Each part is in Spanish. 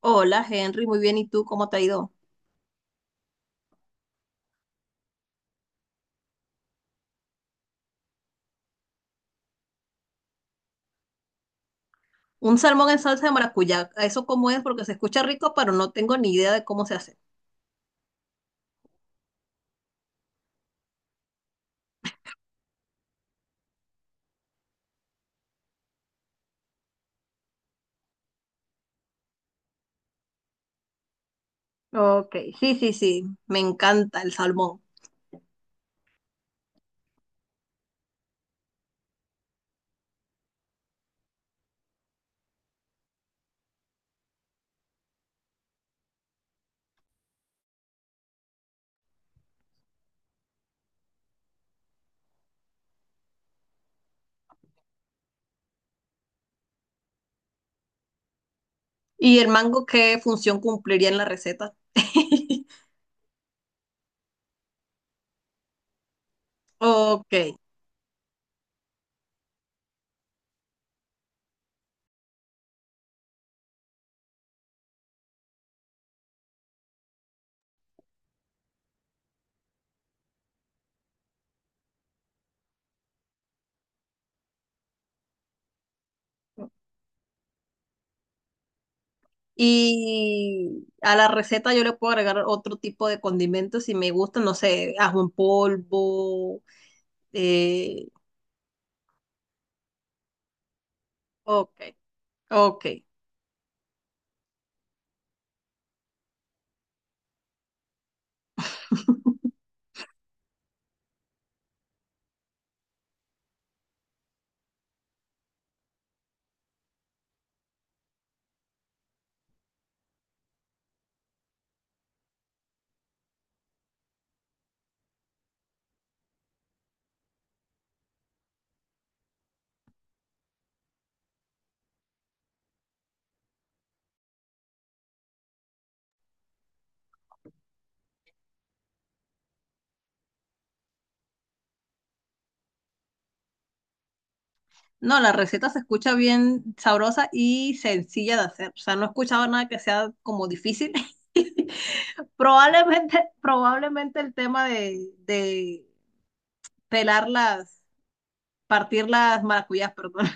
Hola Henry, muy bien. ¿Y tú cómo te ha ido? Un salmón en salsa de maracuyá. ¿Eso cómo es? Porque se escucha rico, pero no tengo ni idea de cómo se hace. Ok, sí, sí, sí. Me encanta el salmón. ¿Y el mango qué función cumpliría en la receta? Ok. Y a la receta yo le puedo agregar otro tipo de condimentos si me gusta, no sé, ajo en polvo. eh, ok, ok. No, la receta se escucha bien sabrosa y sencilla de hacer. O sea, no he escuchado nada que sea como difícil. Probablemente, probablemente el tema de pelar las, partir las maracuyás, perdón,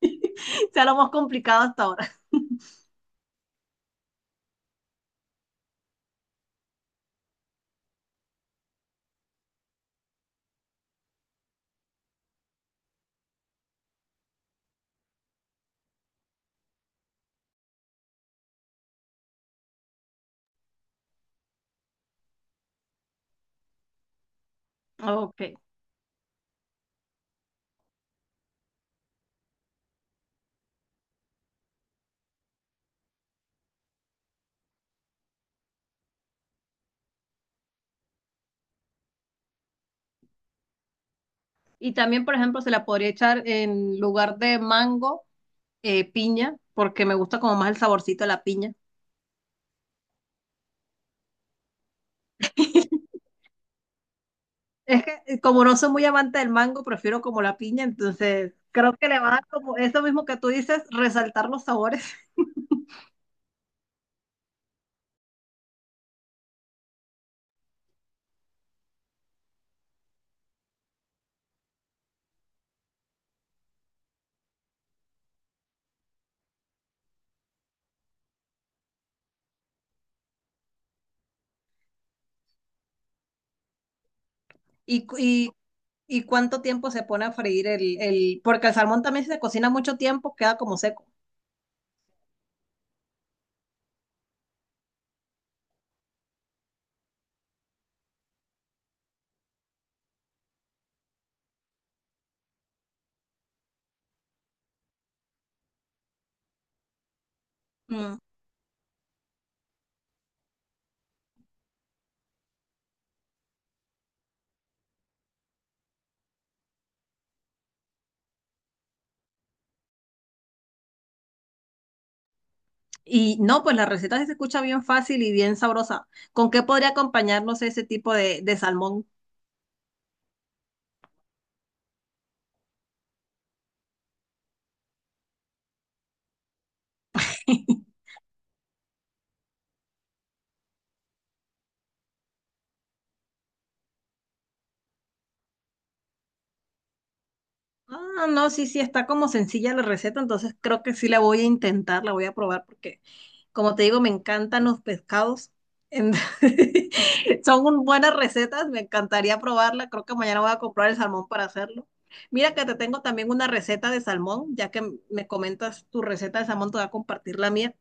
sea lo más complicado hasta ahora. Ok. Y también, por ejemplo, se la podría echar en lugar de mango, piña, porque me gusta como más el saborcito de la piña. Es que como no soy muy amante del mango, prefiero como la piña, entonces creo que le va a dar como eso mismo que tú dices, resaltar los sabores. ¿Y, cu- y, y cuánto tiempo se pone a freír el...? Porque el salmón también si se cocina mucho tiempo, queda como seco. Mm. Y no, pues la receta sí se escucha bien fácil y bien sabrosa. ¿Con qué podría acompañarnos ese tipo de salmón? Ah, no, sí, sí, está como sencilla la receta, entonces creo que sí la voy a intentar, la voy a probar porque como te digo, me encantan los pescados. En- Buenas recetas, me encantaría probarla. Creo que mañana voy a comprar el salmón para hacerlo. Mira que te tengo también una receta de salmón, ya que me comentas tu receta de salmón, te voy a compartir la mía.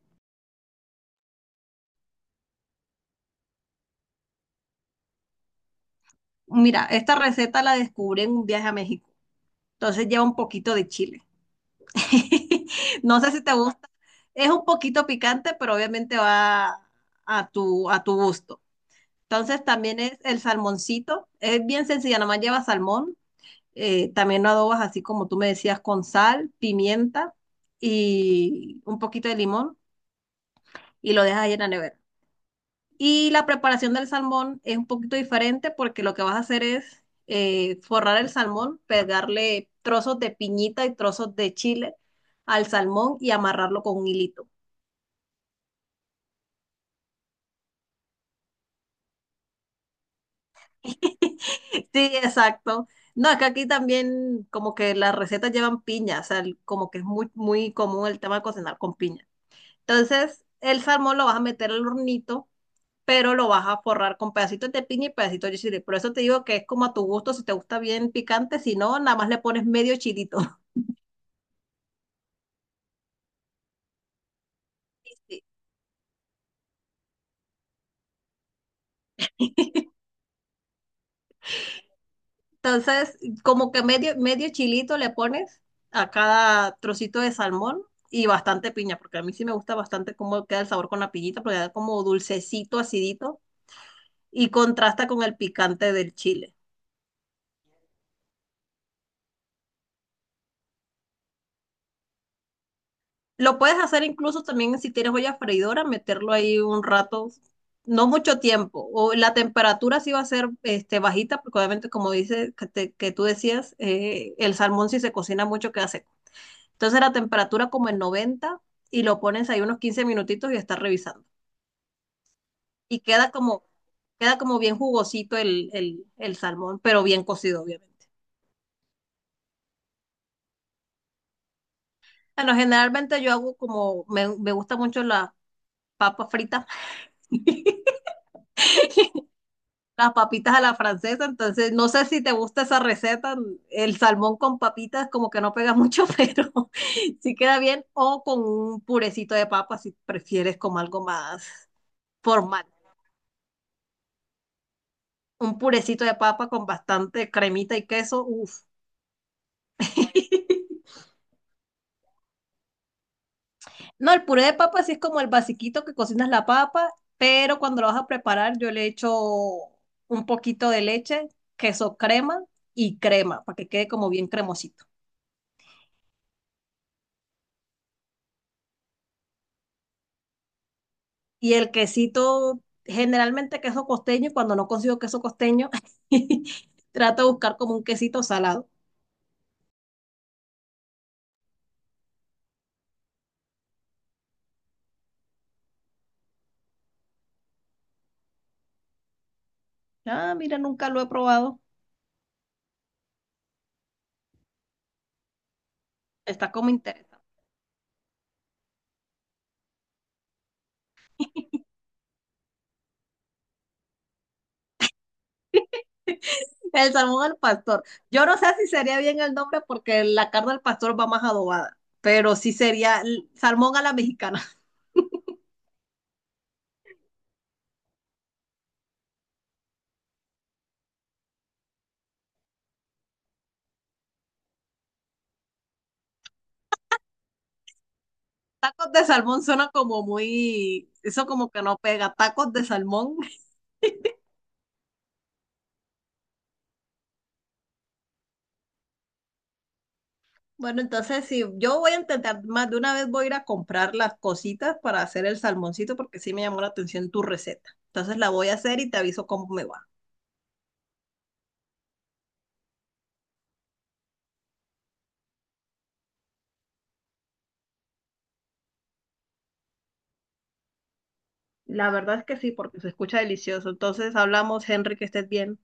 Mira, esta receta la descubrí en un viaje a México, entonces lleva un poquito de chile. No sé si te gusta, es un poquito picante, pero obviamente va a tu gusto. Entonces también es el salmoncito, es bien sencilla, nomás lleva salmón, también lo adobas así como tú me decías, con sal, pimienta y un poquito de limón, y lo dejas ahí en la nevera. Y la preparación del salmón es un poquito diferente porque lo que vas a hacer es forrar el salmón, pegarle trozos de piñita y trozos de chile al salmón y amarrarlo con un hilito. Sí, exacto. No, es que aquí también como que las recetas llevan piña, o sea, como que es muy, muy común el tema de cocinar con piña. Entonces, el salmón lo vas a meter al hornito, pero lo vas a forrar con pedacitos de piña y pedacitos de chile. Por eso te digo que es como a tu gusto, si te gusta bien picante, si no, nada más le pones medio chilito. Sí. Entonces, como que medio, medio chilito le pones a cada trocito de salmón y bastante piña, porque a mí sí me gusta bastante cómo queda el sabor con la piñita, porque da como dulcecito, acidito y contrasta con el picante del chile. Lo puedes hacer incluso también si tienes olla freidora, meterlo ahí un rato, no mucho tiempo. O la temperatura sí va a ser este, bajita, porque obviamente, como dices, que tú decías, el salmón si se cocina mucho queda seco. Entonces la temperatura como en 90 y lo pones ahí unos 15 minutitos y estás revisando. Y queda como bien jugosito el salmón, pero bien cocido, obviamente. Bueno, generalmente yo hago como, me gusta mucho la papa frita. Las papitas a la francesa, entonces no sé si te gusta esa receta, el salmón con papitas como que no pega mucho, pero sí queda bien, o con un purecito de papa si prefieres como algo más formal. Un purecito de papa con bastante cremita y queso, uff. No, el puré de papa sí es como el basiquito que cocinas la papa, pero cuando lo vas a preparar yo le echo un poquito de leche, queso crema y crema, para que quede como bien cremosito. Y el quesito, generalmente queso costeño, y cuando no consigo queso costeño, trato de buscar como un quesito salado. Ah, mira, nunca lo he probado. Está como interesante. El salmón al pastor. Yo no sé si sería bien el nombre porque la carne al pastor va más adobada, pero sí sería salmón a la mexicana. Tacos de salmón suena como muy, eso como que no pega. Tacos de salmón. Bueno, entonces sí, yo voy a intentar, más de una vez voy a ir a comprar las cositas para hacer el salmoncito porque sí me llamó la atención tu receta. Entonces la voy a hacer y te aviso cómo me va. La verdad es que sí, porque se escucha delicioso. Entonces hablamos, Henry, que estés bien.